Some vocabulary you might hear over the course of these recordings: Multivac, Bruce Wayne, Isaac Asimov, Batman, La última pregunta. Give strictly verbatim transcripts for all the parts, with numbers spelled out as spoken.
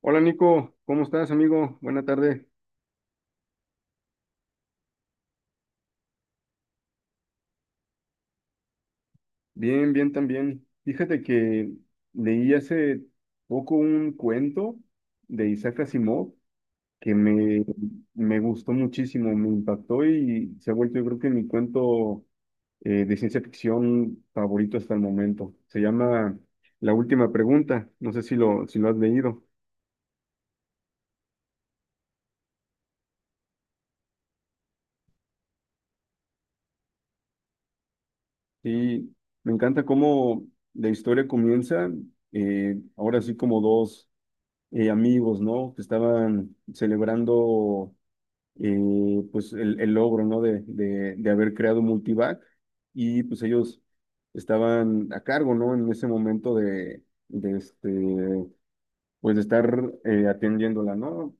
Hola Nico, ¿cómo estás amigo? Buena tarde. Bien, bien también. Fíjate que leí hace poco un cuento de Isaac Asimov que me, me gustó muchísimo, me impactó y se ha vuelto yo creo que mi cuento eh, de ciencia ficción favorito hasta el momento. Se llama La última pregunta, no sé si lo, si lo has leído. Y me encanta cómo la historia comienza, eh, ahora sí como dos eh, amigos, ¿no? Que estaban celebrando eh, pues el, el logro, ¿no? De, de, de haber creado Multivac y pues ellos estaban a cargo, ¿no? En ese momento de, de este, pues de estar eh, atendiéndola, ¿no?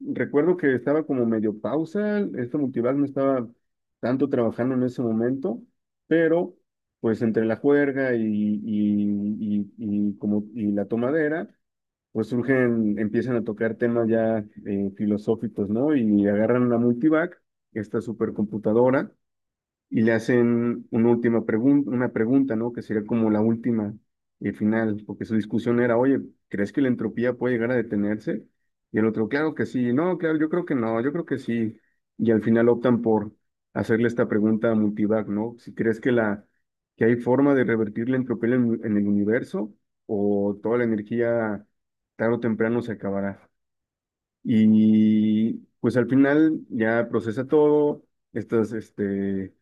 Recuerdo que estaba como medio pausa, este Multivac no estaba tanto trabajando en ese momento, pero pues entre la juerga y, y, y, y como, y la tomadera, pues surgen, empiezan a tocar temas ya eh, filosóficos, ¿no? Y agarran la Multivac, esta supercomputadora, y le hacen una última pregunta, una pregunta, ¿no? Que sería como la última y final, porque su discusión era, oye, ¿crees que la entropía puede llegar a detenerse? Y el otro, claro que sí, no, claro, yo creo que no, yo creo que sí. Y al final optan por hacerle esta pregunta a Multivac, ¿no? Si crees que la ¿Que hay forma de revertir la entropía en, en el universo o toda la energía tarde o temprano se acabará? Y pues al final ya procesa todo, estas, este,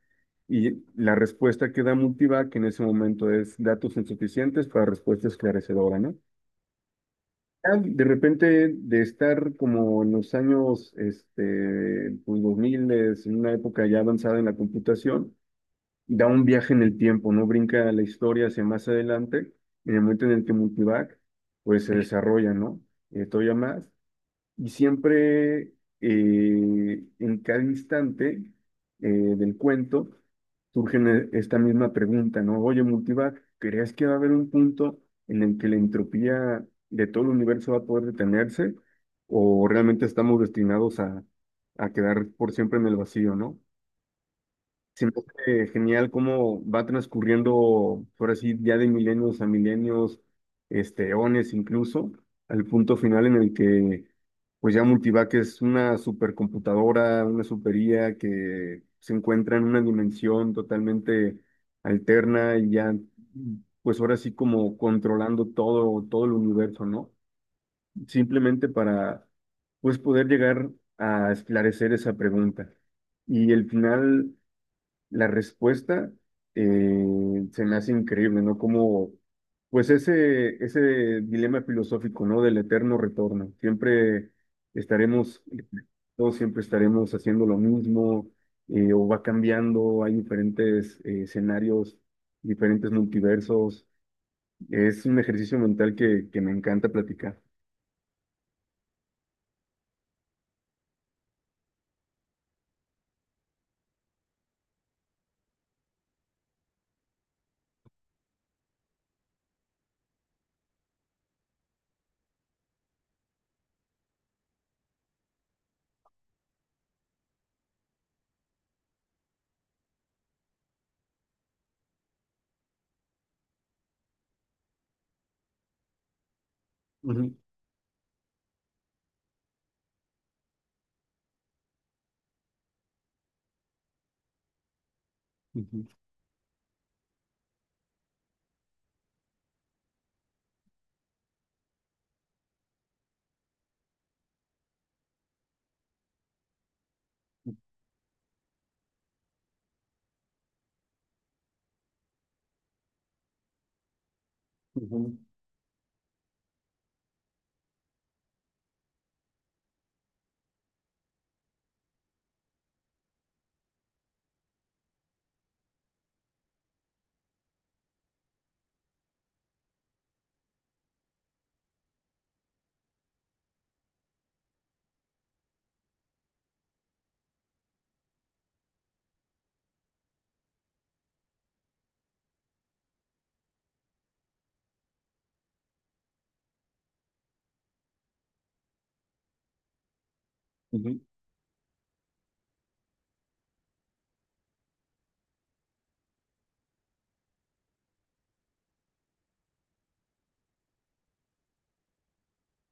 y la respuesta que da Multivac en ese momento es datos insuficientes para respuesta esclarecedora, ¿no? Ya de repente, de estar como en los años, este, pues dos mil, en una época ya avanzada en la computación, da un viaje en el tiempo, ¿no? Brinca la historia hacia más adelante, en el momento en el que Multivac, pues se desarrolla, ¿no? Eh, todavía más. Y siempre eh, en cada instante eh, del cuento surge ne- esta misma pregunta, ¿no? Oye, Multivac, ¿crees que va a haber un punto en el que la entropía de todo el universo va a poder detenerse? ¿O realmente estamos destinados a, a quedar por siempre en el vacío, ¿no? Se me hace genial cómo va transcurriendo, por así, ya de milenios a milenios, este, eones incluso, al punto final en el que, pues ya Multivac es una supercomputadora, una super I A que se encuentra en una dimensión totalmente alterna y ya, pues ahora sí como controlando todo, todo el universo, ¿no? Simplemente para, pues poder llegar a esclarecer esa pregunta. Y el final la respuesta eh, se me hace increíble, ¿no? Como, pues ese, ese dilema filosófico, ¿no? Del eterno retorno. Siempre estaremos, todos siempre estaremos haciendo lo mismo, eh, o va cambiando, hay diferentes eh, escenarios, diferentes multiversos. Es un ejercicio mental que, que me encanta platicar. Ujú, ujú, ujú, ujú.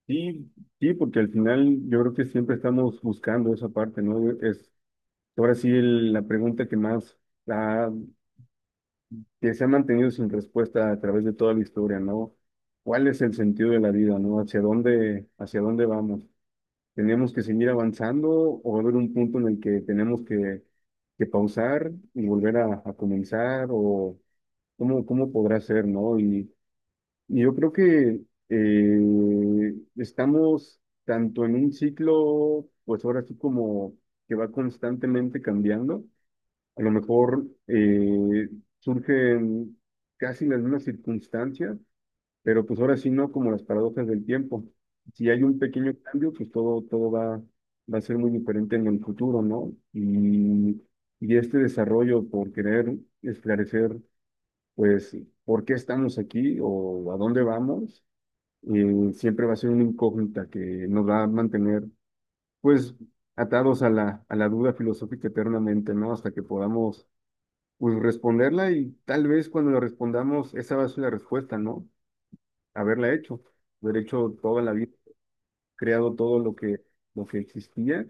Sí, sí, porque al final yo creo que siempre estamos buscando esa parte, ¿no? Es, ahora sí, el- la pregunta que más ha- que se ha mantenido sin respuesta a través de toda la historia, ¿no? ¿Cuál es el sentido de la vida, ¿no? ¿Hacia dónde, hacia dónde vamos? ¿Tenemos que seguir avanzando o va a haber un punto en el que tenemos que, que pausar y volver a, a comenzar? ¿O cómo, cómo podrá ser, ¿no? Y, y yo creo que eh, estamos tanto en un ciclo, pues ahora sí como que va constantemente cambiando, a lo mejor eh, surgen casi las mismas circunstancias, pero pues ahora sí no como las paradojas del tiempo. Si hay un pequeño cambio, pues todo, todo va, va a ser muy diferente en el futuro, ¿no? Y, y este desarrollo por querer esclarecer, pues, por qué estamos aquí o a dónde vamos, eh, siempre va a ser una incógnita que nos va a mantener, pues, atados a la, a la duda filosófica eternamente, ¿no? Hasta que podamos pues responderla, y tal vez cuando la respondamos, esa va a ser la respuesta, ¿no? Haberla hecho, haber hecho toda la vida, creado todo lo que, lo que existía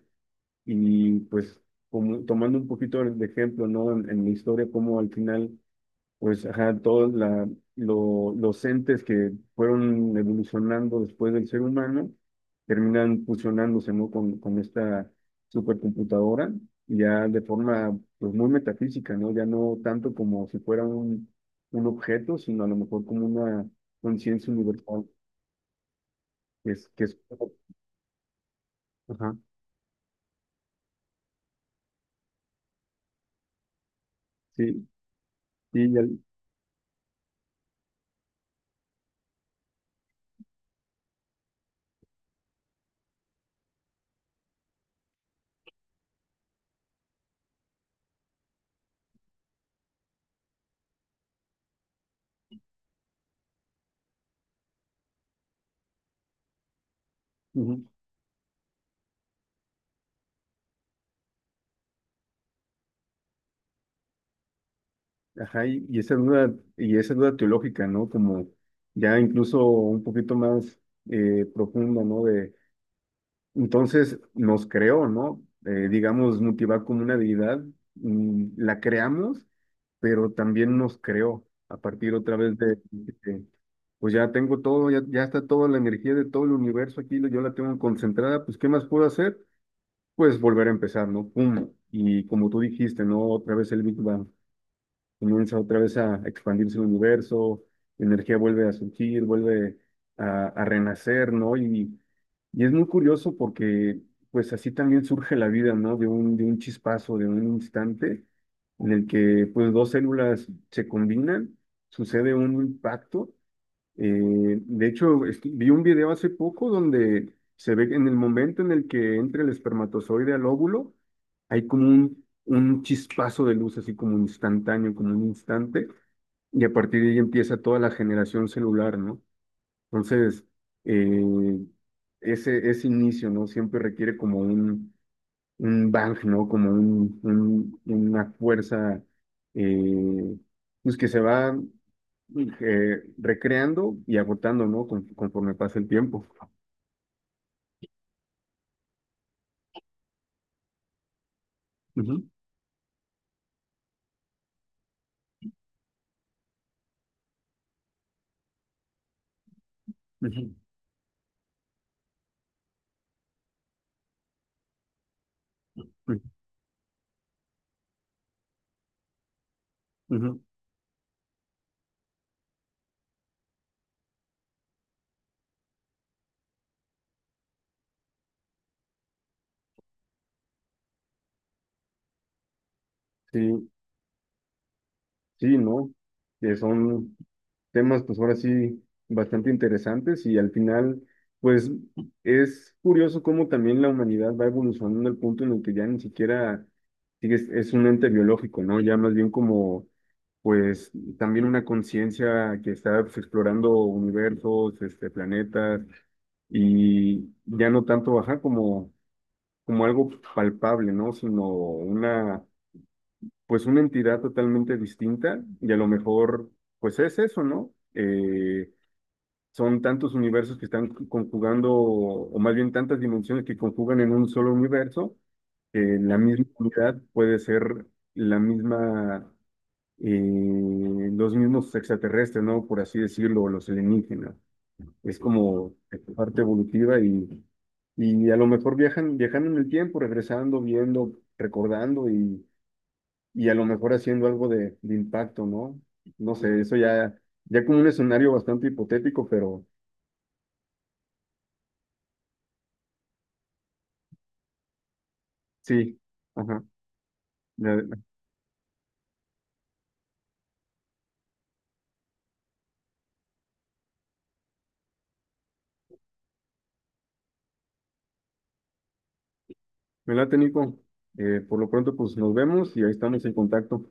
y pues como, tomando un poquito de ejemplo, ¿no? En, en mi historia, como al final pues, ajá, todos la- lo- los entes que fueron evolucionando después del ser humano terminan fusionándose, ¿no? Con, con esta supercomputadora, ya de forma, pues, muy metafísica, ¿no? Ya no tanto como si fuera un, un objeto, sino a lo mejor como una conciencia universal, que es, que es, ajá, sí, sí, ya, ujú, ajá. Y, y esa duda, y esa duda teológica, ¿no? Como ya incluso un poquito más eh, profunda, ¿no? Entonces nos creó, ¿no? Eh, digamos, Mutivac como una deidad, mm, la creamos, pero también nos creó a partir otra vez de, de- pues ya tengo todo, ya, ya está toda la energía de todo el universo aquí, yo la tengo concentrada, pues ¿qué más puedo hacer? Pues volver a empezar, ¿no? Pum. Y como tú dijiste, ¿no? Otra vez el Big Bang comienza otra vez a expandirse el universo, la energía vuelve a surgir, vuelve a, a renacer, ¿no? Y, y es muy curioso porque pues así también surge la vida, ¿no? De un, de un chispazo, de un instante en el que pues dos células se combinan, sucede un impacto. Eh, de hecho, este, vi un video hace poco donde se ve que en el momento en el que entra el espermatozoide al óvulo, hay como un, un chispazo de luz, así como instantáneo, como un instante, y a partir de ahí empieza toda la generación celular, ¿no? Entonces, eh, ese, ese inicio, ¿no? Siempre requiere como un, un bang, ¿no? Como un, un- una fuerza, eh, pues que se va eh, recreando y agotando, ¿no? Con- conforme pasa el tiempo. Ujú, ujú, ujú, ujú. Sí, sí, ¿no? Que son temas, pues ahora sí, bastante interesantes y al final, pues es curioso cómo también la humanidad va evolucionando al punto en el que ya ni siquiera sigue- es, es un ente biológico, ¿no? Ya más bien como, pues también una conciencia que está, pues, explorando universos, este, planetas y ya no tanto bajar como, como algo palpable, ¿no? Sino una, pues una entidad totalmente distinta y a lo mejor, pues es eso, ¿no? Eh, son tantos universos que están conjugando, o más bien tantas dimensiones que conjugan en un solo universo, que la misma unidad puede ser la misma, eh, los mismos extraterrestres, ¿no? Por así decirlo, o los alienígenas. Es como parte evolutiva y, y a lo mejor viajan, viajando en el tiempo, regresando, viendo, recordando y y a lo mejor haciendo algo de, de impacto, ¿no? No sé, eso ya, ya como un escenario bastante hipotético, pero sí, ajá. Me, me late, Nico. Eh, por lo pronto, pues nos vemos y ahí estamos en contacto.